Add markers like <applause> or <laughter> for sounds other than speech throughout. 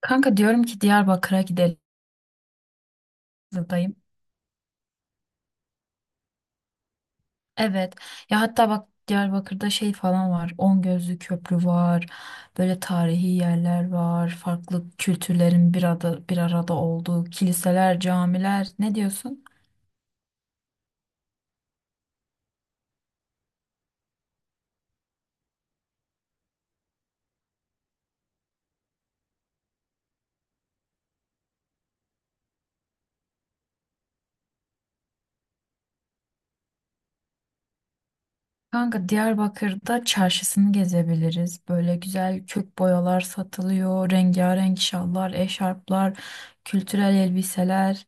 Kanka diyorum ki Diyarbakır'a gidelim dayım. Evet. Ya hatta bak Diyarbakır'da şey falan var. On Gözlü Köprü var. Böyle tarihi yerler var. Farklı kültürlerin bir arada olduğu kiliseler, camiler. Ne diyorsun? Kanka Diyarbakır'da çarşısını gezebiliriz. Böyle güzel kök boyalar satılıyor. Rengarenk şallar, eşarplar, kültürel elbiseler.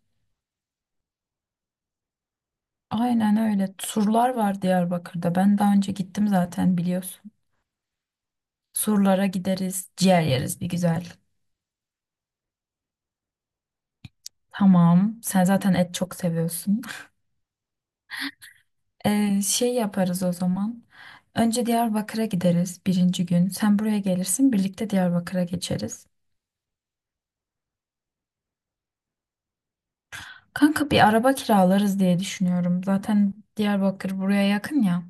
Aynen öyle. Turlar var Diyarbakır'da. Ben daha önce gittim zaten biliyorsun. Surlara gideriz, ciğer yeriz bir güzel. Tamam. Sen zaten et çok seviyorsun. Şey yaparız o zaman. Önce Diyarbakır'a gideriz birinci gün. Sen buraya gelirsin, birlikte Diyarbakır'a geçeriz. Kanka bir araba kiralarız diye düşünüyorum. Zaten Diyarbakır buraya yakın ya.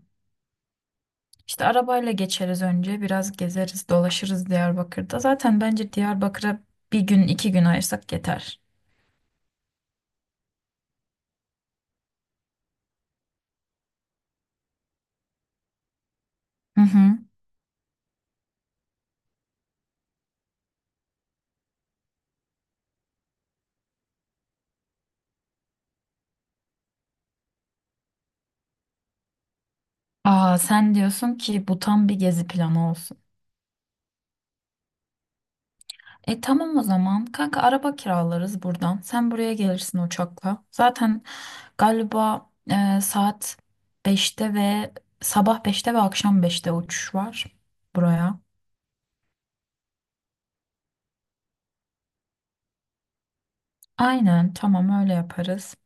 İşte arabayla geçeriz önce, biraz gezeriz, dolaşırız Diyarbakır'da. Zaten bence Diyarbakır'a bir gün, 2 gün ayırsak yeter. Hı hı. Aa, sen diyorsun ki bu tam bir gezi planı olsun. E tamam o zaman. Kanka araba kiralarız buradan. Sen buraya gelirsin uçakla. Zaten galiba saat 5'te ve sabah 5'te ve akşam 5'te uçuş var buraya. Aynen tamam öyle yaparız.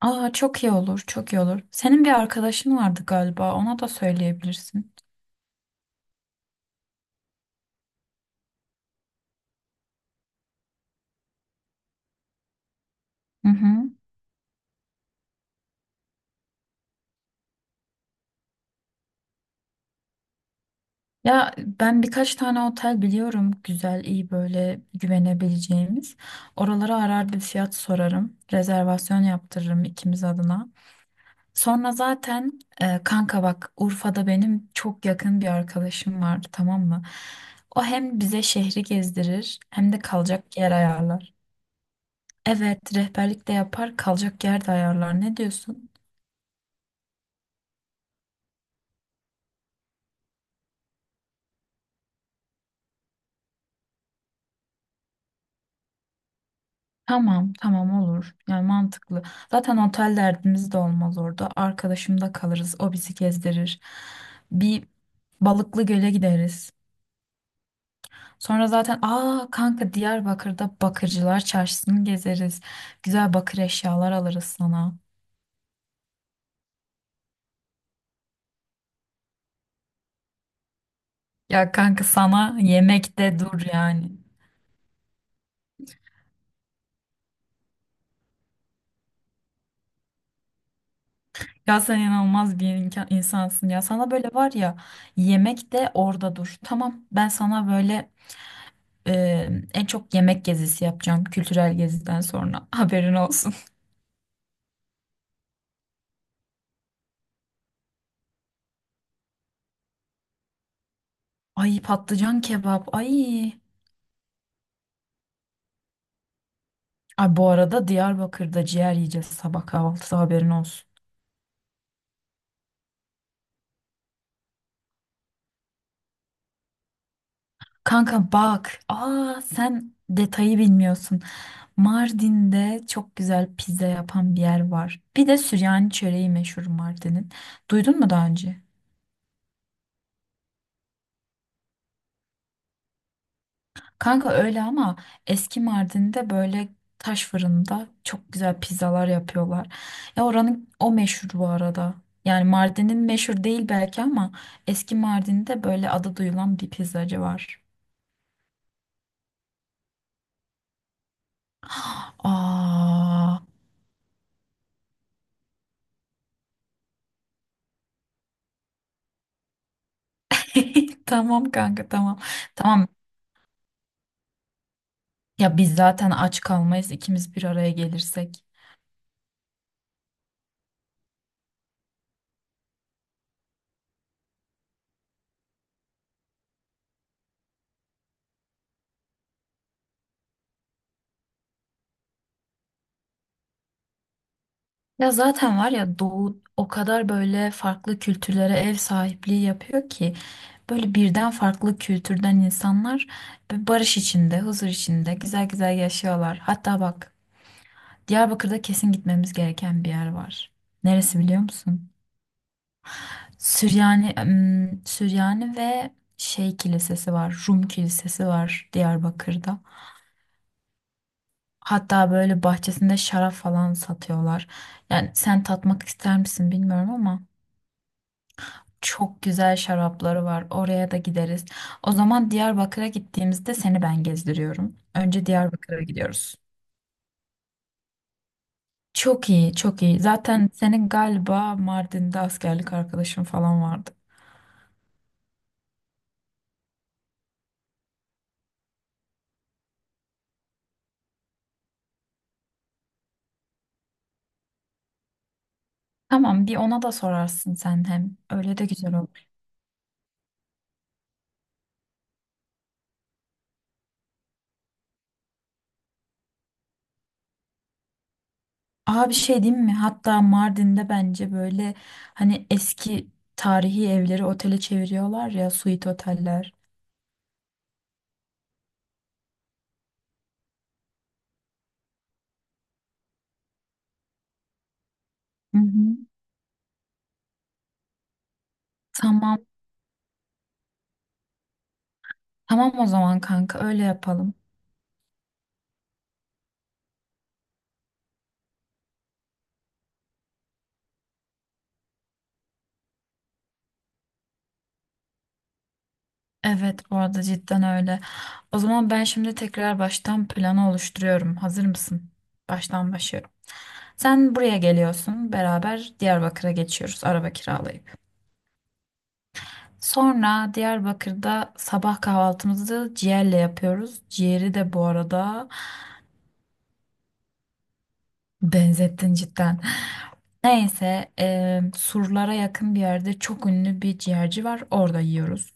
Aa çok iyi olur, çok iyi olur. Senin bir arkadaşın vardı galiba. Ona da söyleyebilirsin. Hı hı. Ya ben birkaç tane otel biliyorum güzel, iyi böyle güvenebileceğimiz. Oralara arar bir fiyat sorarım. Rezervasyon yaptırırım ikimiz adına. Sonra zaten kanka bak Urfa'da benim çok yakın bir arkadaşım vardı, tamam mı? O hem bize şehri gezdirir hem de kalacak yer ayarlar. Evet, rehberlik de yapar, kalacak yer de ayarlar. Ne diyorsun? Tamam tamam, olur yani, mantıklı. Zaten otel derdimiz de olmaz, orada arkadaşımda kalırız, o bizi gezdirir. Bir Balıklı Göl'e gideriz. Sonra zaten aa kanka Diyarbakır'da Bakırcılar Çarşısı'nı gezeriz. Güzel bakır eşyalar alırız sana. Ya kanka sana yemekte dur yani. Ya sen inanılmaz bir insansın ya. Sana böyle var ya, yemekte orada dur. Tamam, ben sana böyle e, en çok yemek gezisi yapacağım kültürel geziden sonra. <laughs> Haberin olsun. Ay patlıcan kebap ay. Ay bu arada Diyarbakır'da ciğer yiyeceğiz sabah kahvaltıda, haberin olsun. Kanka bak. Aa sen detayı bilmiyorsun. Mardin'de çok güzel pizza yapan bir yer var. Bir de Süryani çöreği meşhur Mardin'in. Duydun mu daha önce? Kanka öyle ama eski Mardin'de böyle taş fırında çok güzel pizzalar yapıyorlar. Ya oranın o meşhur bu arada. Yani Mardin'in meşhur değil belki ama eski Mardin'de böyle adı duyulan bir pizzacı var. Aa. <laughs> Tamam kanka tamam. Tamam. Ya biz zaten aç kalmayız ikimiz bir araya gelirsek. Ya zaten var ya, Doğu o kadar böyle farklı kültürlere ev sahipliği yapıyor ki böyle birden farklı kültürden insanlar böyle barış içinde, huzur içinde güzel güzel yaşıyorlar. Hatta bak, Diyarbakır'da kesin gitmemiz gereken bir yer var. Neresi biliyor musun? Süryani ve şey kilisesi var, Rum kilisesi var Diyarbakır'da. Hatta böyle bahçesinde şarap falan satıyorlar. Yani sen tatmak ister misin bilmiyorum ama çok güzel şarapları var. Oraya da gideriz. O zaman Diyarbakır'a gittiğimizde seni ben gezdiriyorum. Önce Diyarbakır'a gidiyoruz. Çok iyi, çok iyi. Zaten senin galiba Mardin'de askerlik arkadaşın falan vardı. Tamam, bir ona da sorarsın sen hem. Öyle de güzel olur. Aa bir şey diyeyim mi? Hatta Mardin'de bence böyle hani eski tarihi evleri otele çeviriyorlar ya, suite oteller. Hı hı. Tamam. Tamam o zaman kanka, öyle yapalım. Evet bu arada cidden öyle. O zaman ben şimdi tekrar baştan planı oluşturuyorum. Hazır mısın? Baştan başlıyorum. Sen buraya geliyorsun. Beraber Diyarbakır'a geçiyoruz araba kiralayıp. Sonra Diyarbakır'da sabah kahvaltımızı ciğerle yapıyoruz. Ciğeri de bu arada benzettin cidden. Neyse, surlara yakın bir yerde çok ünlü bir ciğerci var. Orada yiyoruz.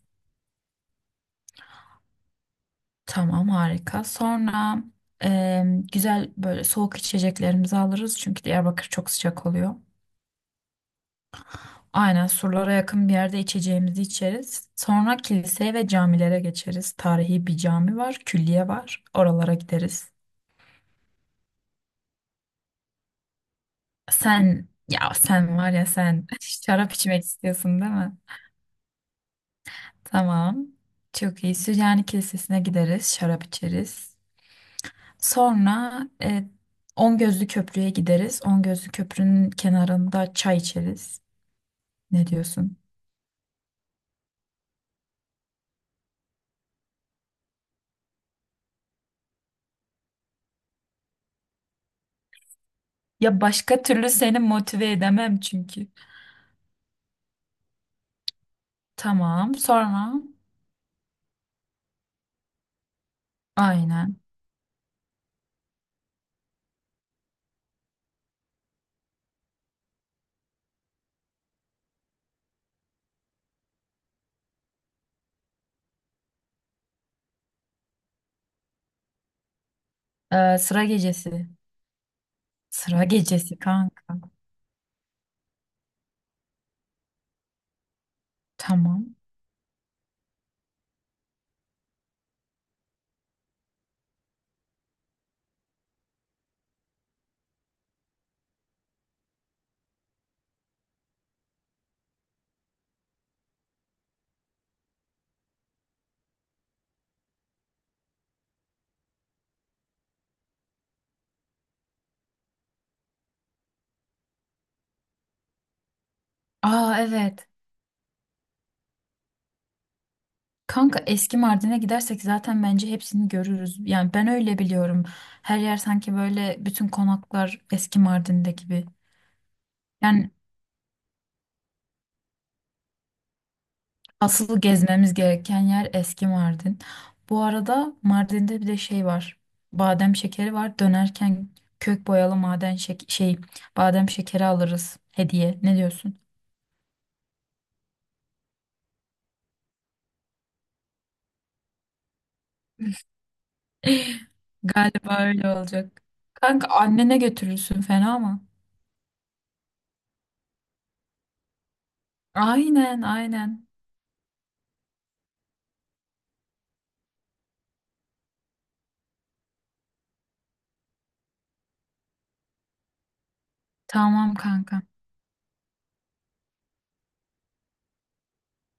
Tamam harika. Sonra e, güzel böyle soğuk içeceklerimizi alırız. Çünkü Diyarbakır çok sıcak oluyor. Aynen, surlara yakın bir yerde içeceğimizi içeriz. Sonra kiliseye ve camilere geçeriz. Tarihi bir cami var, külliye var. Oralara gideriz. Sen, ya sen var ya sen, <laughs> şarap içmek istiyorsun değil mi? Tamam. Çok iyi. Süryani Kilisesi'ne gideriz, şarap içeriz. Sonra On Gözlü Köprü'ye gideriz. On Gözlü Köprü'nün kenarında çay içeriz. Ne diyorsun? Ya başka türlü seni motive edemem çünkü. Tamam. Sonra aynen. Sıra gecesi. Sıra gecesi kanka. Tamam. Aa evet. Kanka eski Mardin'e gidersek zaten bence hepsini görürüz. Yani ben öyle biliyorum. Her yer sanki böyle bütün konaklar eski Mardin'de gibi. Yani asıl gezmemiz gereken yer eski Mardin. Bu arada Mardin'de bir de şey var. Badem şekeri var. Dönerken kök boyalı maden şek- şey badem şekeri alırız hediye. Ne diyorsun? <laughs> Galiba öyle olacak. Kanka annene götürürsün, fena mı? Aynen aynen. Tamam kanka.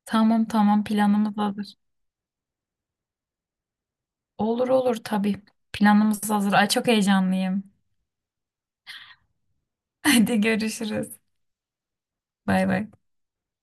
Tamam tamam, planımız hazır. Olur olur tabii. Planımız hazır. Ay çok heyecanlıyım. <laughs> Hadi görüşürüz. Bay bay.